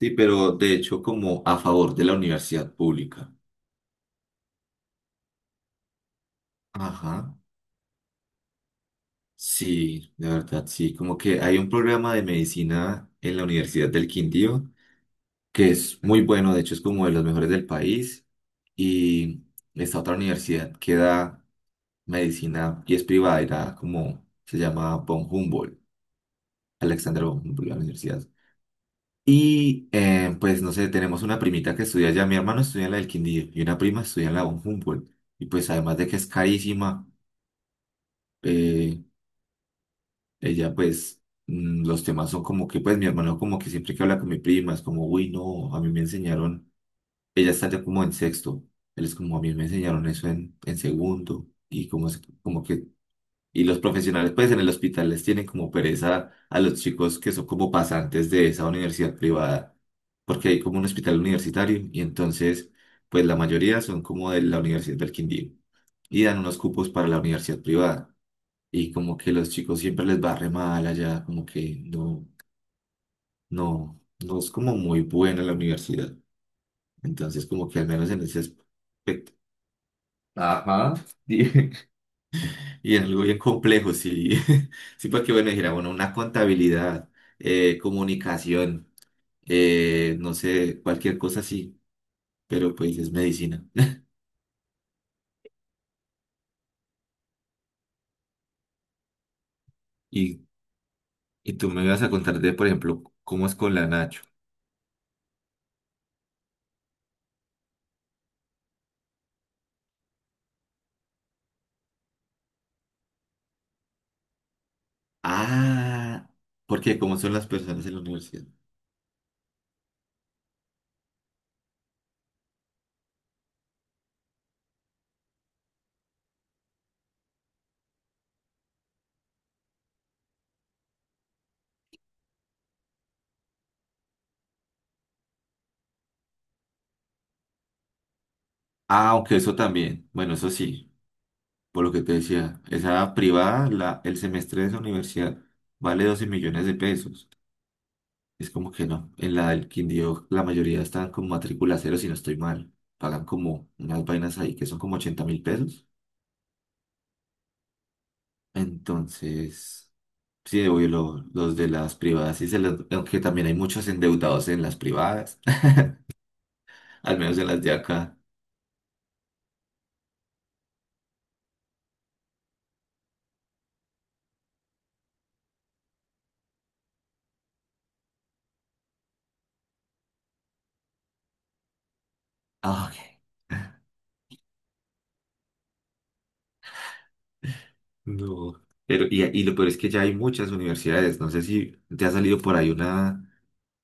Sí, pero de hecho como a favor de la universidad pública. Ajá. Sí, de verdad, sí. Como que hay un programa de medicina en la Universidad del Quindío que es muy bueno, de hecho es como de los mejores del país. Y esta otra universidad que da medicina y es privada, era como se llama von Humboldt, Alexander von Humboldt, la universidad. Y pues no sé, tenemos una primita que estudia allá, mi hermano estudia en la del Quindío y una prima estudia en la von Humboldt. Y pues además de que es carísima. eh, ella pues los temas son como que pues mi hermano como que siempre que habla con mi prima es como, uy, no, a mí me enseñaron, ella está ya como en sexto, él es como, a mí me enseñaron eso en segundo y como, como que, y los profesionales pues en el hospital les tienen como pereza a los chicos que son como pasantes de esa universidad privada, porque hay como un hospital universitario y entonces pues la mayoría son como de la Universidad del Quindío y dan unos cupos para la universidad privada y como que los chicos siempre les va re mal allá, como que no, no es como muy buena la universidad. Entonces, como que al menos en ese aspecto. Ajá. Sí. Y en algo bien complejo, sí. Sí, porque bueno, dijera, bueno, una contabilidad, comunicación, no sé, cualquier cosa así, pero pues es medicina. Y, y tú me vas a contar de, por ejemplo, cómo es con la Nacho. Ah, porque cómo son las personas en la universidad. Ah, aunque eso también. Bueno, eso sí, por lo que te decía, esa privada, la, el semestre de esa universidad vale 12 millones de pesos. Es como que no. En la del Quindío, la mayoría están con matrícula cero, si no estoy mal. Pagan como unas vainas ahí que son como 80.000 pesos. Entonces, sí, obvio, los de las privadas, sí se les- aunque también hay muchos endeudados en las privadas, al menos en las de acá. Ah, ok. No, pero y lo peor es que ya hay muchas universidades. No sé si te ha salido por ahí una,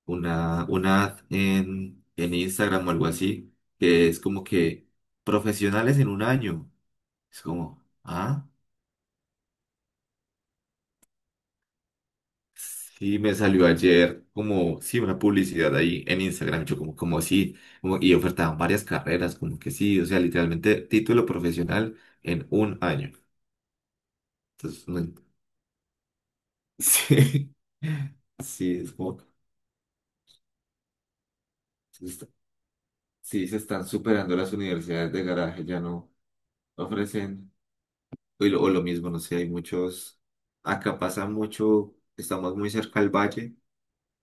una ad en Instagram o algo así, que es como que profesionales en un año. Es como, ah, sí, me salió ayer como, sí, una publicidad ahí en Instagram. Yo como, como sí, como, y ofertaban varias carreras, como que sí, o sea, literalmente título profesional en un año. Entonces, no- sí, sí, es como... Sí, se están superando las universidades de garaje, ya no ofrecen, o lo mismo, no sé, hay muchos, acá pasa mucho, estamos muy cerca al valle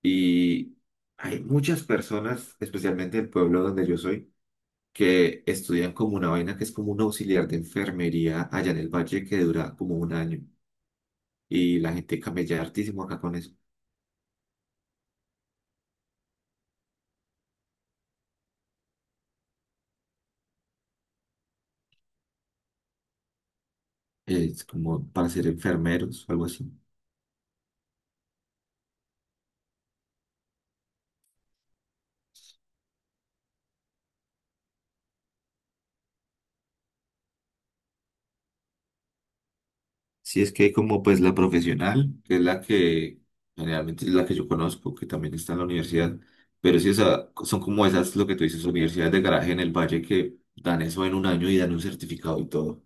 y hay muchas personas, especialmente en el pueblo donde yo soy, que estudian como una vaina que es como un auxiliar de enfermería allá en el valle que dura como un año y la gente camella hartísimo acá con eso, es como para ser enfermeros o algo así. Sí, es que hay como pues la profesional, que es la que generalmente es la que yo conozco, que también está en la universidad, pero sí, o sea, son como esas, lo que tú dices, universidades de garaje en el valle que dan eso en un año y dan un certificado y todo.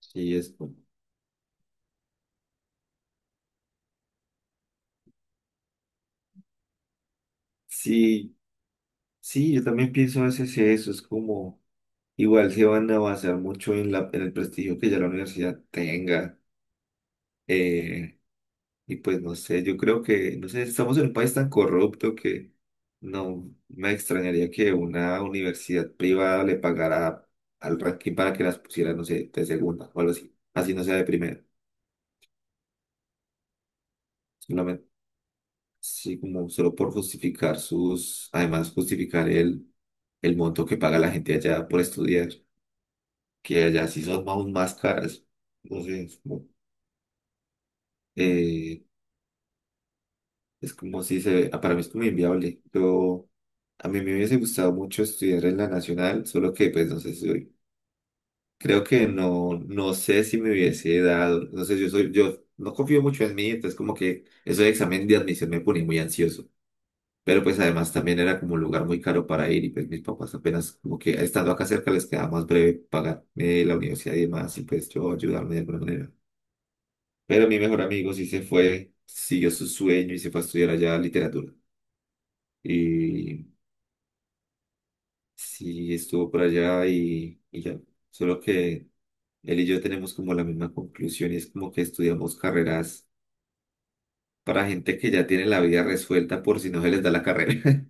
Sí, es como- Sí, sí, yo también pienso a veces eso, es como, igual se van a basar mucho en la, en el prestigio que ya la universidad tenga. Y pues no sé, yo creo que, no sé, estamos en un país tan corrupto que no me extrañaría que una universidad privada le pagara al ranking para que las pusiera, no sé, de segunda o algo así. Así no sea de primera. Solamente, sí, como solo por justificar sus, además justificar el monto que paga la gente allá por estudiar, que allá sí son aún más caras. No sé, eh, es como si se, ah, para mí es como inviable. Yo A mí me hubiese gustado mucho estudiar en la nacional, solo que pues no sé si soy- creo que no, no sé si me hubiese dado, no sé, yo soy, yo no confío mucho en mí, entonces como que eso de examen de admisión me ponía muy ansioso, pero pues además también era como un lugar muy caro para ir y pues mis papás apenas como que estando acá cerca les quedaba más breve pagarme la universidad y demás y pues yo ayudarme de alguna manera. Pero mi mejor amigo sí se fue, siguió su sueño y se fue a estudiar allá literatura. Y Sí, estuvo por allá y ya. Solo que él y yo tenemos como la misma conclusión y es como que estudiamos carreras para gente que ya tiene la vida resuelta por si no se les da la carrera.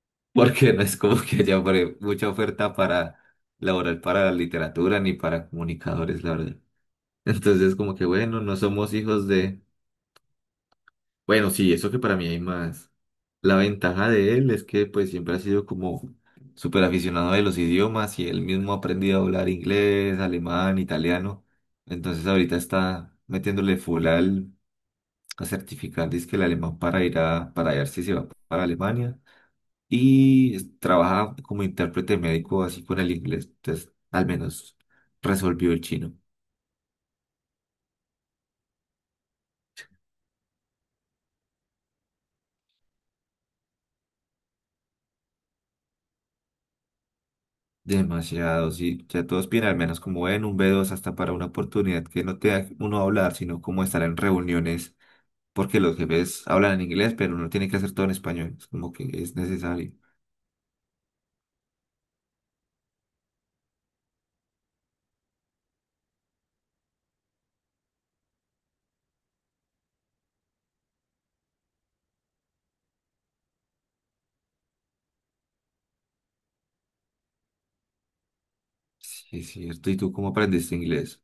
Porque no es como que haya mucha oferta para laboral para la literatura ni para comunicadores, la verdad. Entonces, como que bueno, no somos hijos de. Bueno, sí, eso que para mí hay más. La ventaja de él es que pues siempre ha sido como súper aficionado de los idiomas y él mismo ha aprendido a hablar inglés, alemán, italiano. Entonces ahorita está metiéndole full al a certificar dizque el alemán para ir a, para ver si se va para Alemania. Y es- trabaja como intérprete médico así con el inglés. Entonces, al menos resolvió el chino. Demasiado, sí. Ya todos piden al menos como en un B2 hasta para una oportunidad que no te da uno hablar, sino como estar en reuniones, porque los jefes hablan en inglés, pero uno tiene que hacer todo en español. Es como que es necesario. Sí, es cierto. ¿Y tú cómo aprendiste inglés?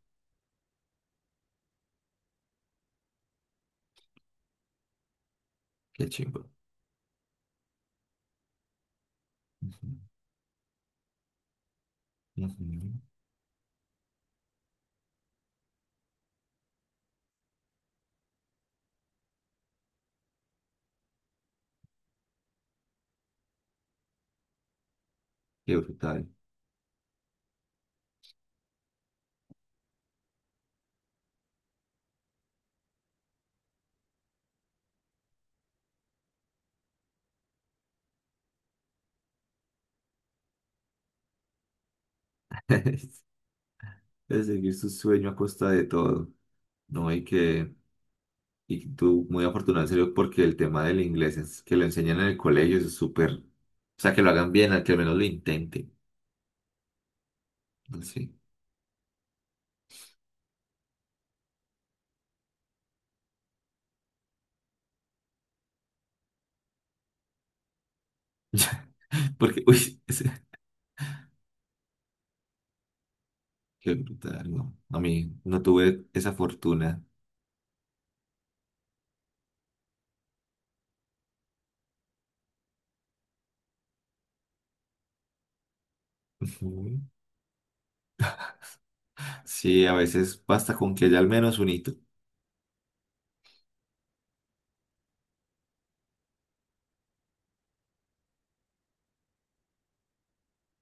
Qué chingo. Ujú, ujú. Qué brutal. Es seguir su sueño a costa de todo. No, y que, y tú muy afortunado en serio porque el tema del inglés es que lo enseñan en el colegio, eso es súper, o sea, que lo hagan bien, al que al menos lo intenten. Sí. Porque, uy, ese- qué brutal, no. A mí no tuve esa fortuna. Ujú. Sí, a veces basta con que haya al menos un hito.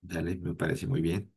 Dale, me parece muy bien.